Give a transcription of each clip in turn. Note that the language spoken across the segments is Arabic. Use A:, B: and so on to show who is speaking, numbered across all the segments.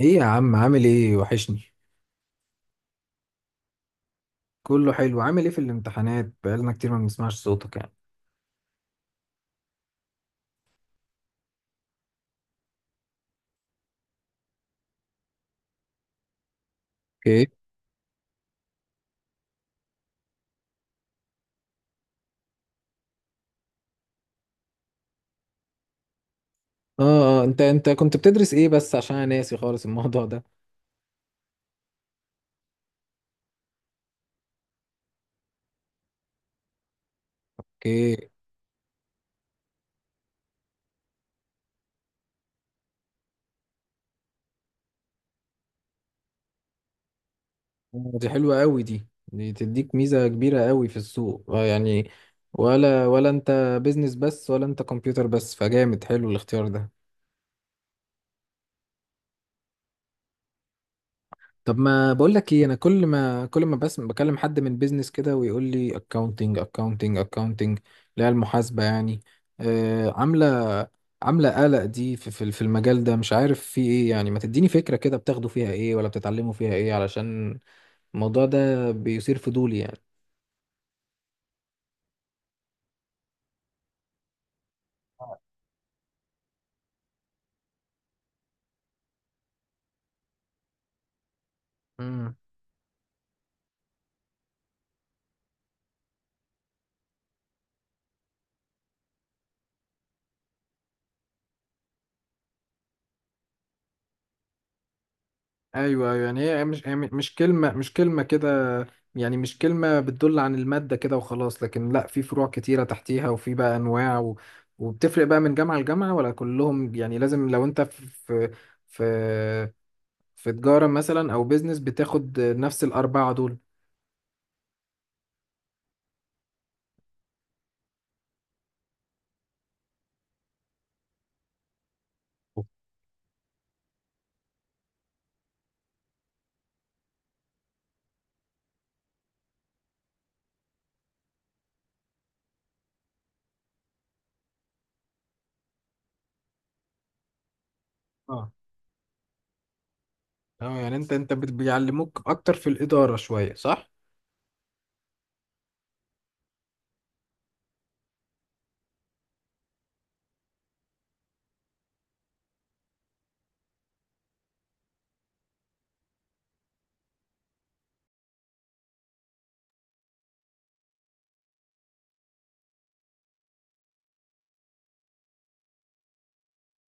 A: ايه يا عم، عامل ايه؟ وحشني. كله حلو. عامل ايه في الامتحانات؟ بقالنا كتير ما بنسمعش صوتك يعني. اوكي. اه انت كنت بتدرس ايه؟ بس عشان انا ناسي خالص الموضوع ده. اوكي. دي حلوة قوي دي. دي تديك ميزة كبيرة قوي في السوق يعني. ولا انت بيزنس بس، ولا انت كمبيوتر بس؟ فجامد حلو الاختيار ده. طب ما بقول لك ايه، انا كل ما بس بكلم حد من بيزنس كده ويقول لي اكاونتنج اكاونتنج اكاونتنج، اللي هي المحاسبة يعني. آه، عاملة عاملة قلق دي، في المجال ده مش عارف في ايه يعني. ما تديني فكرة كده بتاخدوا فيها ايه ولا بتتعلموا فيها ايه، علشان الموضوع ده بيثير فضولي يعني. امم ايوه ايوه، يعني هي مش كلمه كده. يعني مش كلمه بتدل عن الماده كده وخلاص، لكن لا، في فروع كتيره تحتيها وفي بقى انواع وبتفرق بقى من جامعه لجامعه، ولا كلهم يعني لازم لو انت في في, في تجاره مثلا او بيزنس بتاخد نفس الاربعه دول؟ اه اه، يعني انت انت بيعلموك اكتر في الاداره شويه، صح؟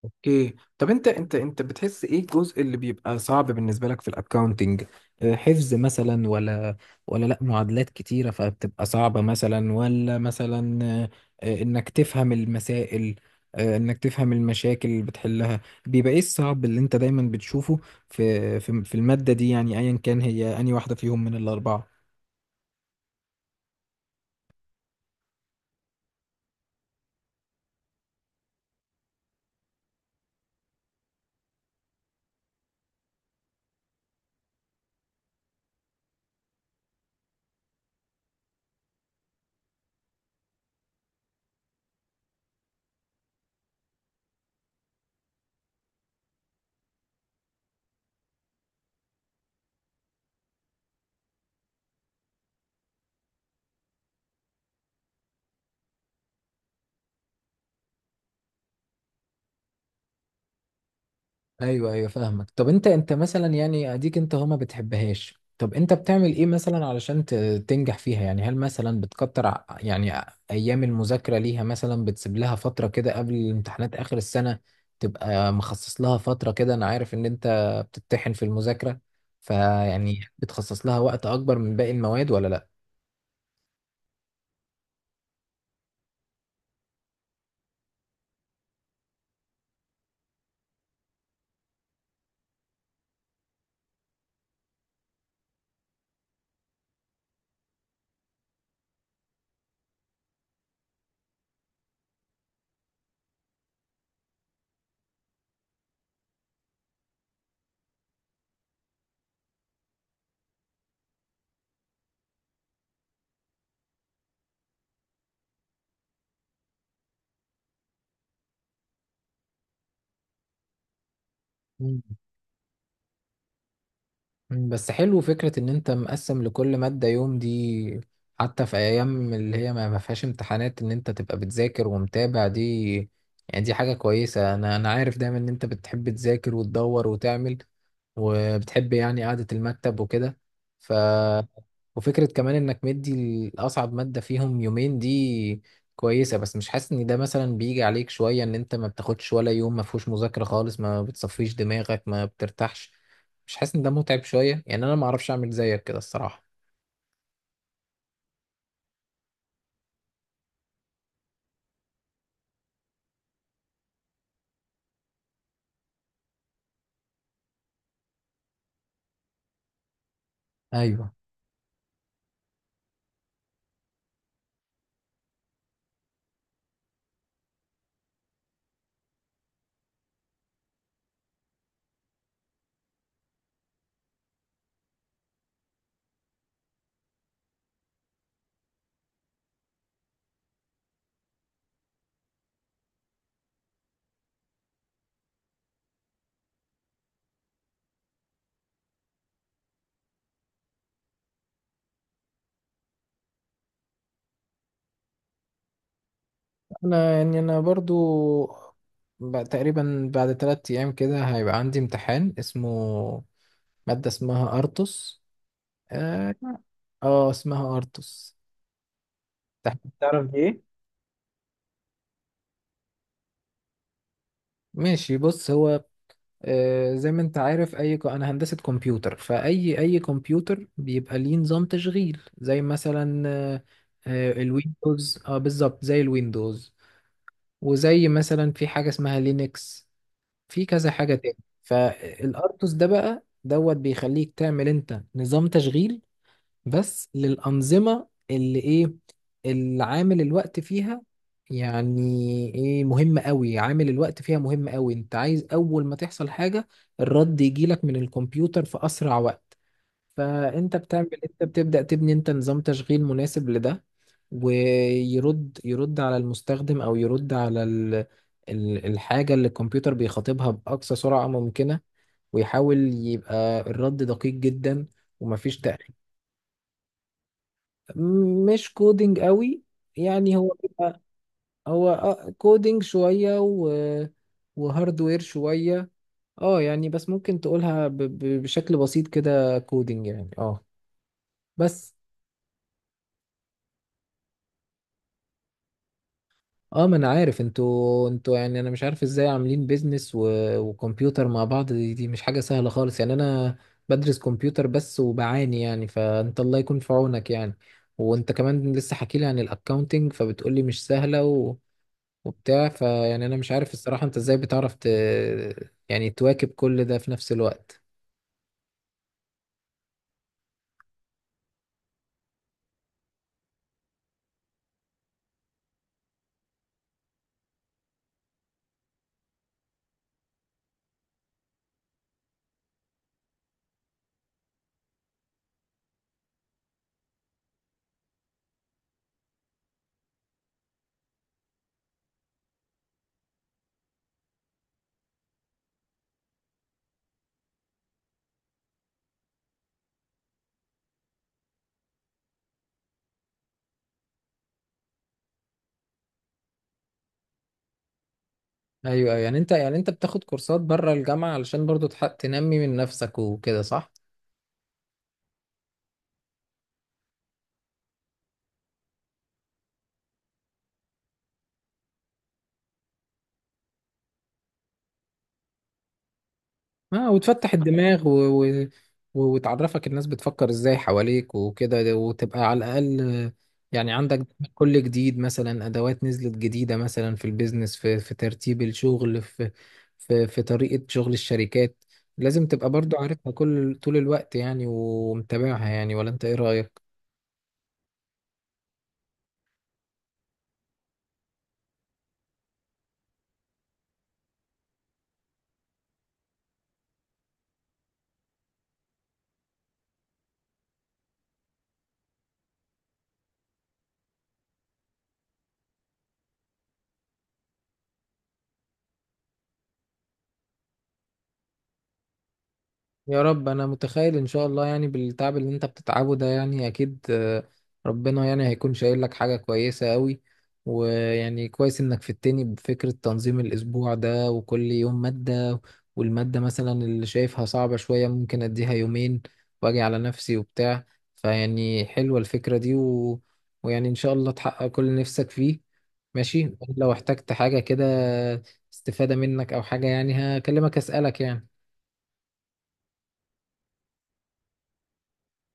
A: اوكي، طب انت بتحس ايه الجزء اللي بيبقى صعب بالنسبه لك في الاكاونتنج؟ حفظ مثلا؟ ولا ولا لا معادلات كتيره فبتبقى صعبه مثلا؟ ولا مثلا آه، آه، انك تفهم المسائل؟ انك تفهم المشاكل اللي بتحلها؟ بيبقى ايه الصعب اللي انت دايما بتشوفه في الماده دي، يعني ايا كان هي اني واحده فيهم من الاربعه. ايوه ايوه، فاهمك. طب انت مثلا، يعني اديك انت هو ما بتحبهاش، طب انت بتعمل ايه مثلا علشان تنجح فيها يعني؟ هل مثلا بتكتر يعني ايام المذاكره ليها مثلا؟ بتسيب لها فتره كده قبل الامتحانات اخر السنه تبقى مخصص لها فتره كده؟ انا عارف ان انت بتتحن في المذاكره، فيعني بتخصص لها وقت اكبر من باقي المواد ولا لا؟ بس حلو فكرة ان انت مقسم لكل مادة يوم دي، حتى في ايام اللي هي ما فيهاش امتحانات ان انت تبقى بتذاكر ومتابع دي. يعني دي حاجة كويسة. انا عارف دايما ان انت بتحب تذاكر وتدور وتعمل، وبتحب يعني قعدة المكتب وكده. ف وفكرة كمان انك مدي الاصعب مادة فيهم يومين دي كويسة. بس مش حاسس ان ده مثلا بيجي عليك شوية ان انت ما بتاخدش ولا يوم ما فيهوش مذاكرة خالص، ما بتصفيش دماغك، ما بترتاحش؟ مش حاسس ان ده متعب شويه يعني؟ انا ما اعرفش اعمل زيك كده الصراحه. ايوه، انا يعني انا برضو بقى تقريبا بعد 3 ايام كده هيبقى عندي امتحان اسمه، مادة اسمها ارتوس. اه، اسمها ارتوس. تعرف ايه؟ ماشي، بص هو زي ما انت عارف، اي انا هندسة كمبيوتر، فاي اي كمبيوتر بيبقى ليه نظام تشغيل زي مثلا الويندوز. اه بالظبط زي الويندوز. وزي مثلا في حاجة اسمها لينكس، في كذا حاجة تاني. فالارتوس ده بقى دوت بيخليك تعمل انت نظام تشغيل، بس للأنظمة اللي إيه، اللي عامل الوقت فيها يعني إيه مهم قوي. عامل الوقت فيها مهم قوي. أنت عايز أول ما تحصل حاجة الرد يجيلك من الكمبيوتر في أسرع وقت. فأنت بتعمل، أنت بتبدأ تبني أنت نظام تشغيل مناسب لده. ويرد، يرد على المستخدم أو يرد على الحاجة اللي الكمبيوتر بيخاطبها بأقصى سرعة ممكنة، ويحاول يبقى الرد دقيق جدا ومفيش تأخير. مش كودينج قوي، يعني هو بيبقى، هو آه كودينج شوية وهاردوير شوية. اه يعني، بس ممكن تقولها بشكل بسيط كده كودينج يعني، اه بس. اه ما انا عارف، انتوا يعني انا مش عارف ازاي عاملين بيزنس و... وكمبيوتر مع بعض. دي مش حاجة سهلة خالص يعني. انا بدرس كمبيوتر بس وبعاني يعني، فانت الله يكون في عونك يعني. وانت كمان لسه حكي لي عن الاكاونتنج فبتقولي مش سهلة وبتاع. فيعني انا مش عارف الصراحة انت ازاي بتعرف يعني تواكب كل ده في نفس الوقت. ايوه أيوة. يعني انت، يعني انت بتاخد كورسات بره الجامعة علشان برضو تنمي من نفسك وكده، صح؟ اه، وتفتح الدماغ وتعرفك الناس بتفكر ازاي حواليك وكده، وتبقى على الاقل يعني عندك كل جديد. مثلا ادوات نزلت جديدة مثلا في البيزنس، في في ترتيب الشغل، في طريقة شغل الشركات، لازم تبقى برضو عارفها كل طول الوقت يعني ومتابعها يعني، ولا انت ايه رأيك؟ يا رب. انا متخيل ان شاء الله، يعني بالتعب اللي انت بتتعبه ده يعني اكيد ربنا يعني هيكون شايل لك حاجة كويسة قوي. ويعني كويس انك فدتني بفكرة تنظيم الاسبوع ده وكل يوم مادة، والمادة مثلا اللي شايفها صعبة شوية ممكن اديها يومين واجي على نفسي وبتاع. فيعني حلوة الفكرة دي ويعني ان شاء الله تحقق كل اللي نفسك فيه. ماشي، لو احتجت حاجة كده استفادة منك او حاجة يعني هكلمك اسألك يعني.